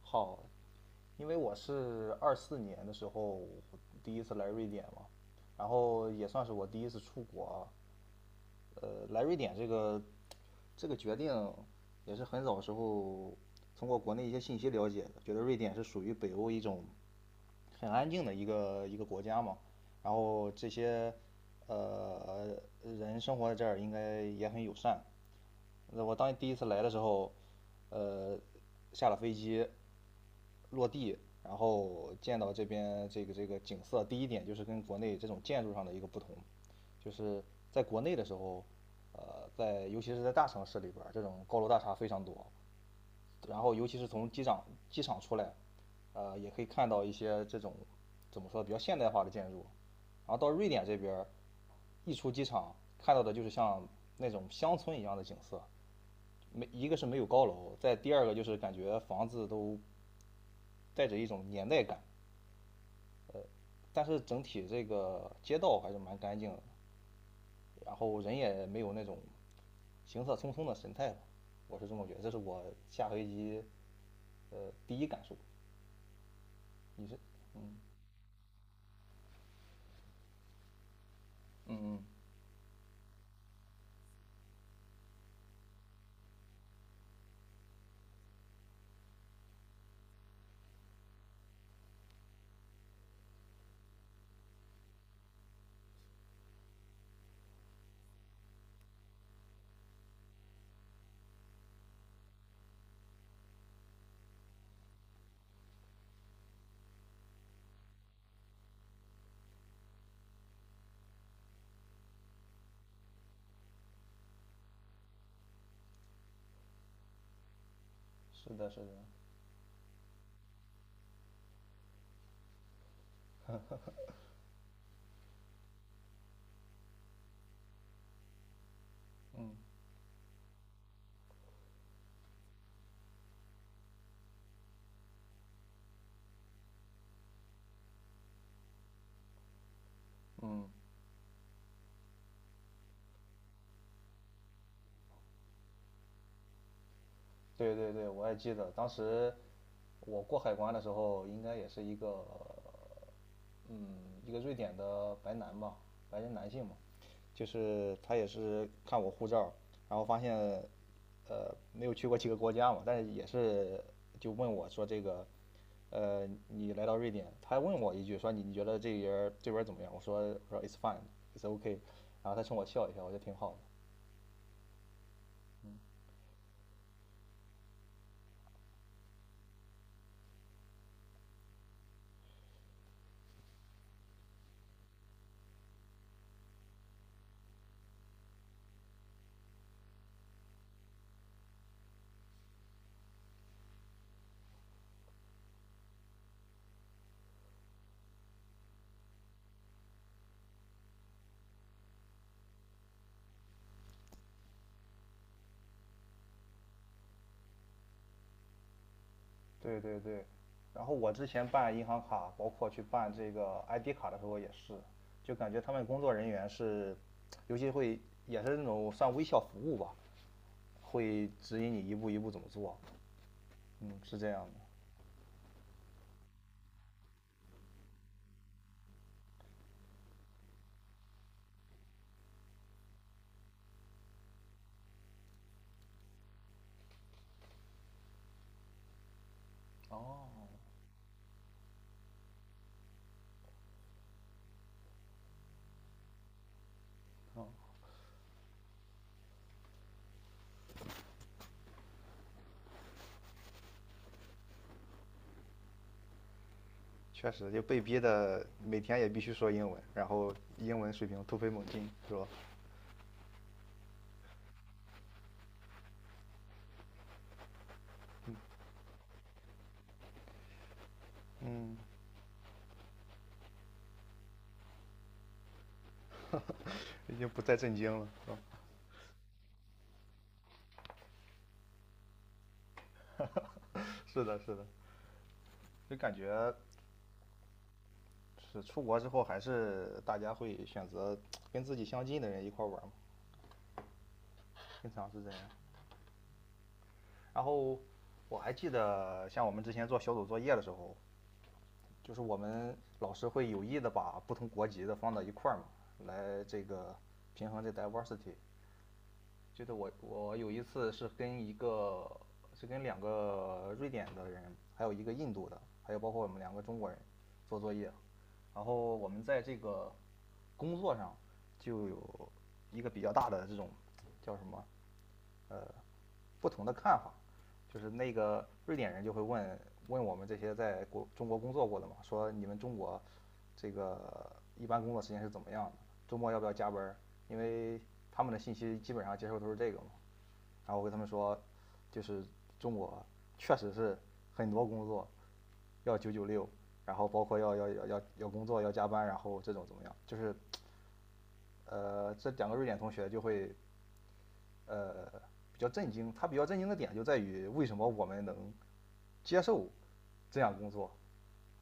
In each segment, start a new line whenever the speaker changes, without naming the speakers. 好，因为我是24年的时候第一次来瑞典嘛，然后也算是我第一次出国啊。来瑞典这个决定也是很早时候通过国内一些信息了解的，觉得瑞典是属于北欧一种很安静的一个国家嘛，然后这些呃人生活在这儿应该也很友善。那我当第一次来的时候，呃，下了飞机，落地。然后见到这边这个景色，第一点就是跟国内这种建筑上的一个不同，就是在国内的时候，在尤其是在大城市里边儿，这种高楼大厦非常多，然后尤其是从机场出来，也可以看到一些这种怎么说比较现代化的建筑，然后到瑞典这边儿，一出机场看到的就是像那种乡村一样的景色，没一个是没有高楼，再第二个就是感觉房子都带着一种年代感。但是整体这个街道还是蛮干净的，然后人也没有那种行色匆匆的神态吧，我是这么觉得，这是我下飞机第一感受。你是？嗯，嗯嗯是的，是的，嗯嗯对对对，我也记得当时我过海关的时候，应该也是一个嗯，一个瑞典的白男吧，白人男性嘛，就是他也是看我护照，然后发现，没有去过几个国家嘛，但是也是就问我说这个，你来到瑞典，他还问我一句说你觉得这人这边怎么样？我说我说 it's fine，it's o k 然后他冲我笑一笑，我觉得挺好的。对对对，然后我之前办银行卡，包括去办这个 ID 卡的时候也是，就感觉他们工作人员是，尤其会也是那种算微笑服务吧，会指引你一步一步怎么做。嗯，是这样的。哦，哦，确实，就被逼的每天也必须说英文，然后英文水平突飞猛进，是吧？已经不再震惊了。是的，是的，就感觉是出国之后，还是大家会选择跟自己相近的人一块玩嘛，经常是这样。然后我还记得，像我们之前做小组作业的时候，就是我们老师会有意的把不同国籍的放到一块儿嘛，来这个平衡这 diversity。就是我有一次是跟一个是跟两个瑞典的人，还有一个印度的，还有包括我们两个中国人做作业，然后我们在这个工作上就有一个比较大的这种叫什么不同的看法。就是那个瑞典人就会问问我们这些在国中国工作过的嘛，说你们中国这个一般工作时间是怎么样的？周末要不要加班？因为他们的信息基本上接受都是这个嘛。然后我跟他们说，就是中国确实是很多工作要996，然后包括要工作要加班，然后这种怎么样？就是这两个瑞典同学就会呃比较震惊，他比较震惊的点就在于为什么我们能接受这样工作，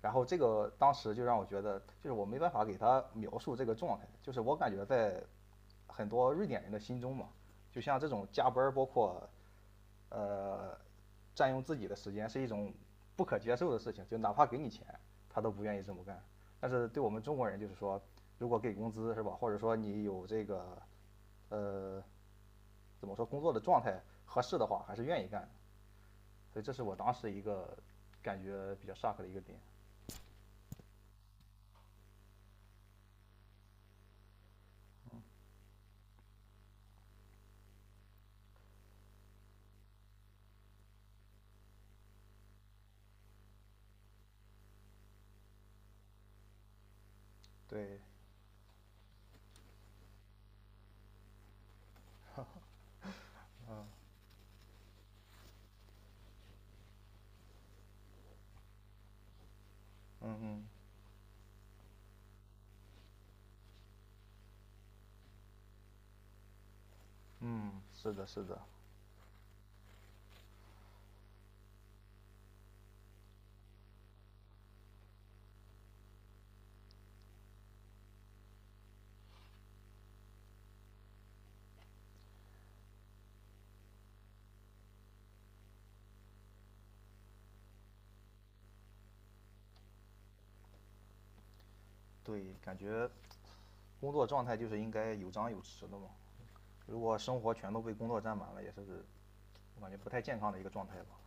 然后这个当时就让我觉得，就是我没办法给他描述这个状态，就是我感觉在很多瑞典人的心中嘛，就像这种加班包括呃占用自己的时间，是一种不可接受的事情，就哪怕给你钱，他都不愿意这么干。但是对我们中国人就是说，如果给工资是吧，或者说你有这个呃怎么说工作的状态合适的话，还是愿意干的。所以这是我当时一个感觉比较 shock 的一个点。对，嗯嗯嗯，是的，是的，对，感觉工作状态就是应该有张有弛的嘛。如果生活全都被工作占满了，也是我感觉不太健康的一个状态吧。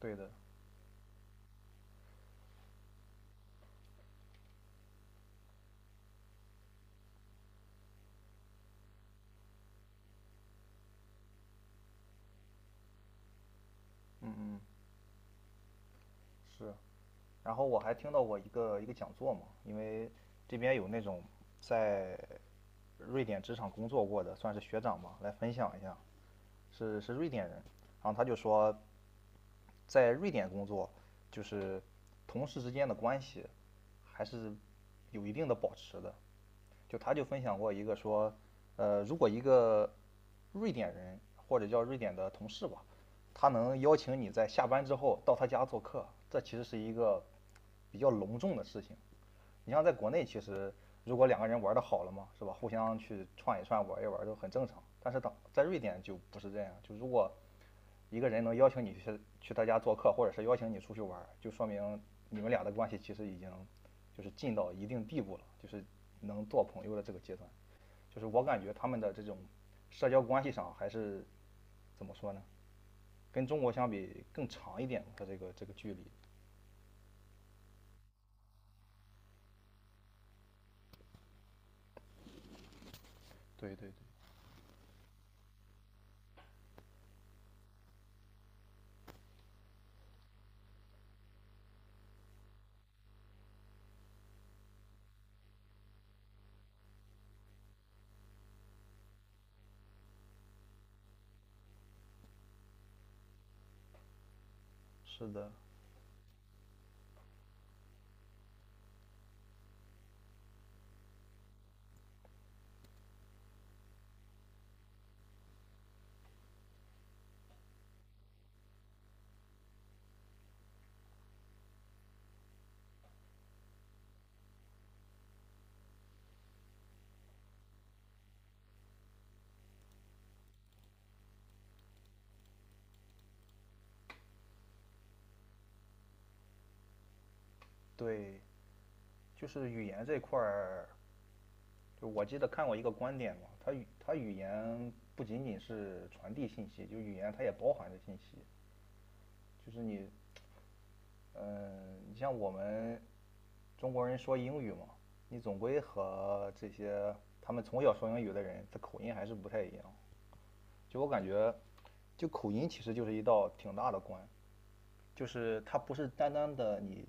对的，嗯嗯，是。然后我还听到过一个讲座嘛，因为这边有那种在瑞典职场工作过的，算是学长嘛，来分享一下是瑞典人，然后他就说，在瑞典工作，就是同事之间的关系还是有一定的保持的。就他就分享过一个说，如果一个瑞典人或者叫瑞典的同事吧，他能邀请你在下班之后到他家做客，这其实是一个比较隆重的事情。你像在国内，其实如果两个人玩的好了嘛，是吧？互相去串一串、玩一玩都很正常。但是当在瑞典就不是这样，就如果一个人能邀请你去他家做客，或者是邀请你出去玩就说明你们俩的关系其实已经就是近到一定地步了，就是能做朋友的这个阶段。就是我感觉他们的这种社交关系上还是怎么说呢？跟中国相比更长一点，他这个距离。对对对，是的，对，就是语言这块儿，就我记得看过一个观点嘛，他语言不仅仅是传递信息，就语言它也包含着信息，就是你嗯，你像我们中国人说英语嘛，你总归和这些他们从小说英语的人，他口音还是不太一样。就我感觉，就口音其实就是一道挺大的关，就是它不是单单的你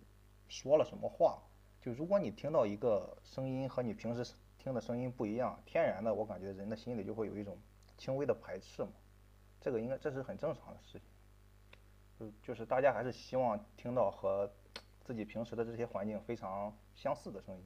说了什么话，就如果你听到一个声音和你平时听的声音不一样，天然的我感觉人的心里就会有一种轻微的排斥嘛。这个应该这是很正常的事情，就是大家还是希望听到和自己平时的这些环境非常相似的声音。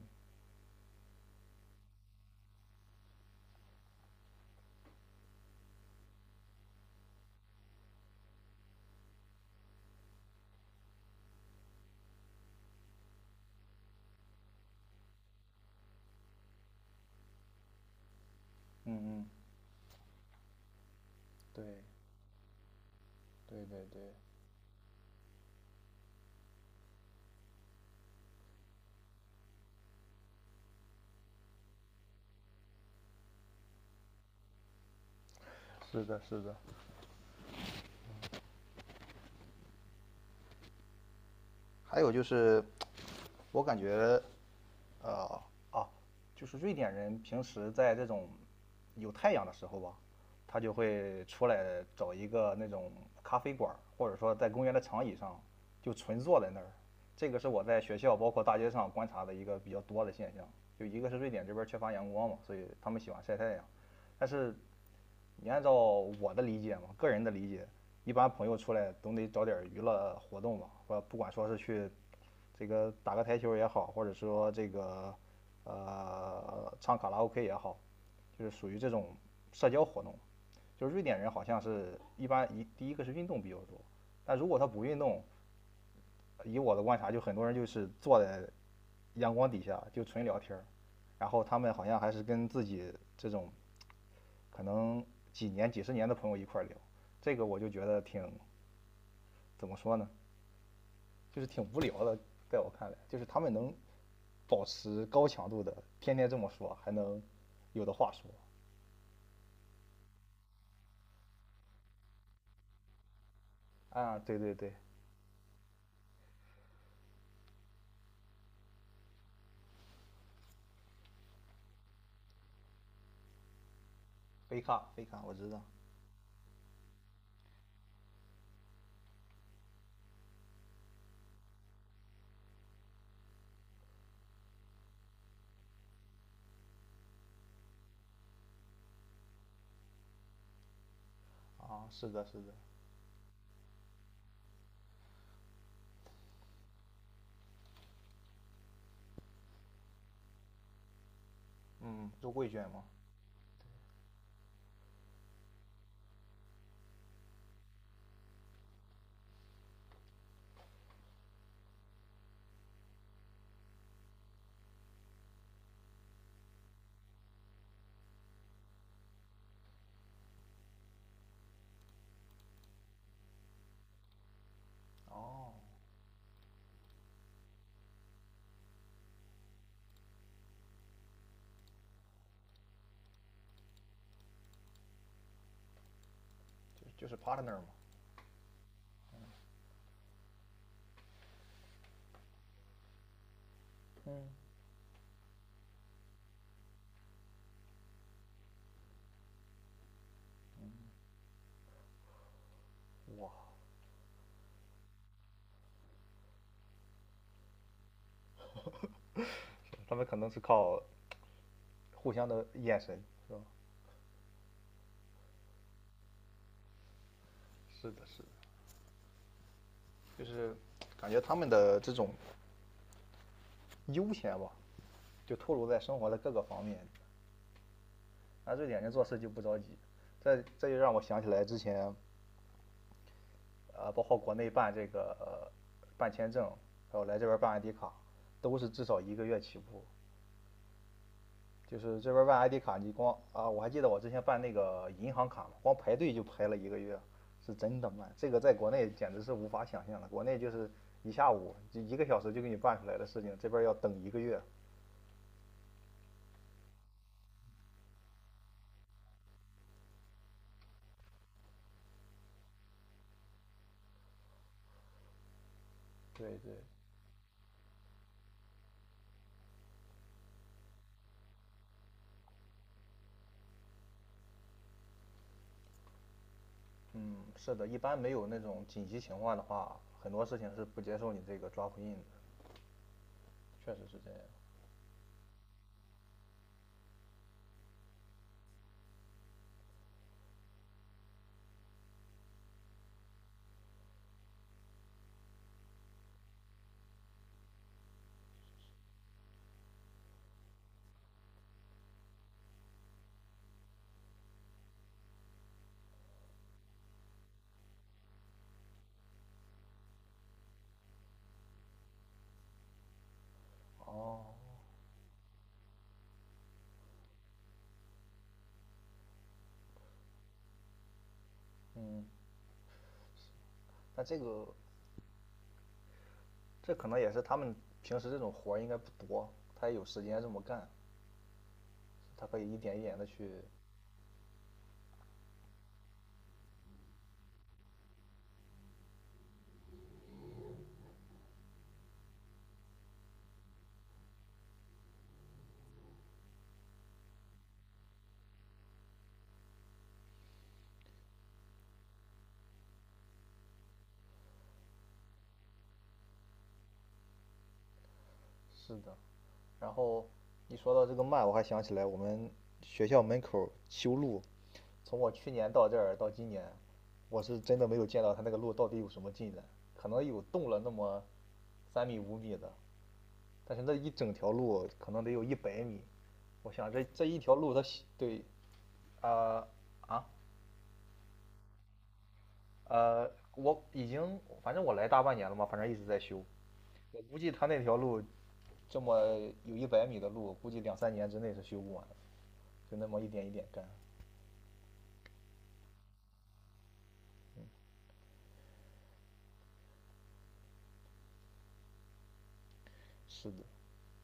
嗯嗯，对对对对，是的，是的。还有就是，我感觉，呃，啊，就是瑞典人平时在这种有太阳的时候吧，他就会出来找一个那种咖啡馆儿，或者说在公园的长椅上就纯坐在那儿。这个是我在学校包括大街上观察的一个比较多的现象。就一个是瑞典这边缺乏阳光嘛，所以他们喜欢晒太阳，但是你按照我的理解嘛，个人的理解，一般朋友出来总得找点娱乐活动吧，或不管说是去这个打个台球也好，或者说这个唱卡拉 OK 也好，就是属于这种社交活动。就是瑞典人好像是一般一第一个是运动比较多，但如果他不运动，以我的观察，就很多人就是坐在阳光底下就纯聊天儿，然后他们好像还是跟自己这种可能几年、几十年的朋友一块聊，这个我就觉得挺怎么说呢，就是挺无聊的。在我看来，就是他们能保持高强度的，天天这么说，还能有的话说。啊，对对对，飞卡飞卡，我知道。啊，是的，是的。嗯，入桂卷吗？哦，就是 partner 嘛。嗯，哇，他们可能是靠互相的眼神，是吧？是的，是的。就是感觉他们的这种悠闲吧，就透露在生活的各个方面，啊，瑞典人做事就不着急。这就让我想起来之前啊，包括国内办这个、办签证，还有来这边办 ID 卡，都是至少一个月起步。就是这边办 ID 卡，你光啊，我还记得我之前办那个银行卡嘛，光排队就排了一个月，是真的慢。这个在国内简直是无法想象的，国内就是一下午就1个小时就给你办出来的事情，这边要等一个月。对对，嗯，是的，一般没有那种紧急情况的话，很多事情是不接受你这个抓复印的。确实是这样。哦，嗯，那这个这可能也是他们平时这种活儿应该不多，他也有时间这么干，他可以一点一点的去。是的。然后一说到这个慢，我还想起来我们学校门口修路，从我去年到这儿到今年，我是真的没有见到他那个路到底有什么进展，可能有动了那么3米5米的，但是那一整条路可能得有一百米。我想这一条路它对啊啊、呃，我已经反正我来大半年了嘛，反正一直在修。我估计他那条路这么有一百米的路，估计2、3年之内是修不完的，就那么一点一点干。是的，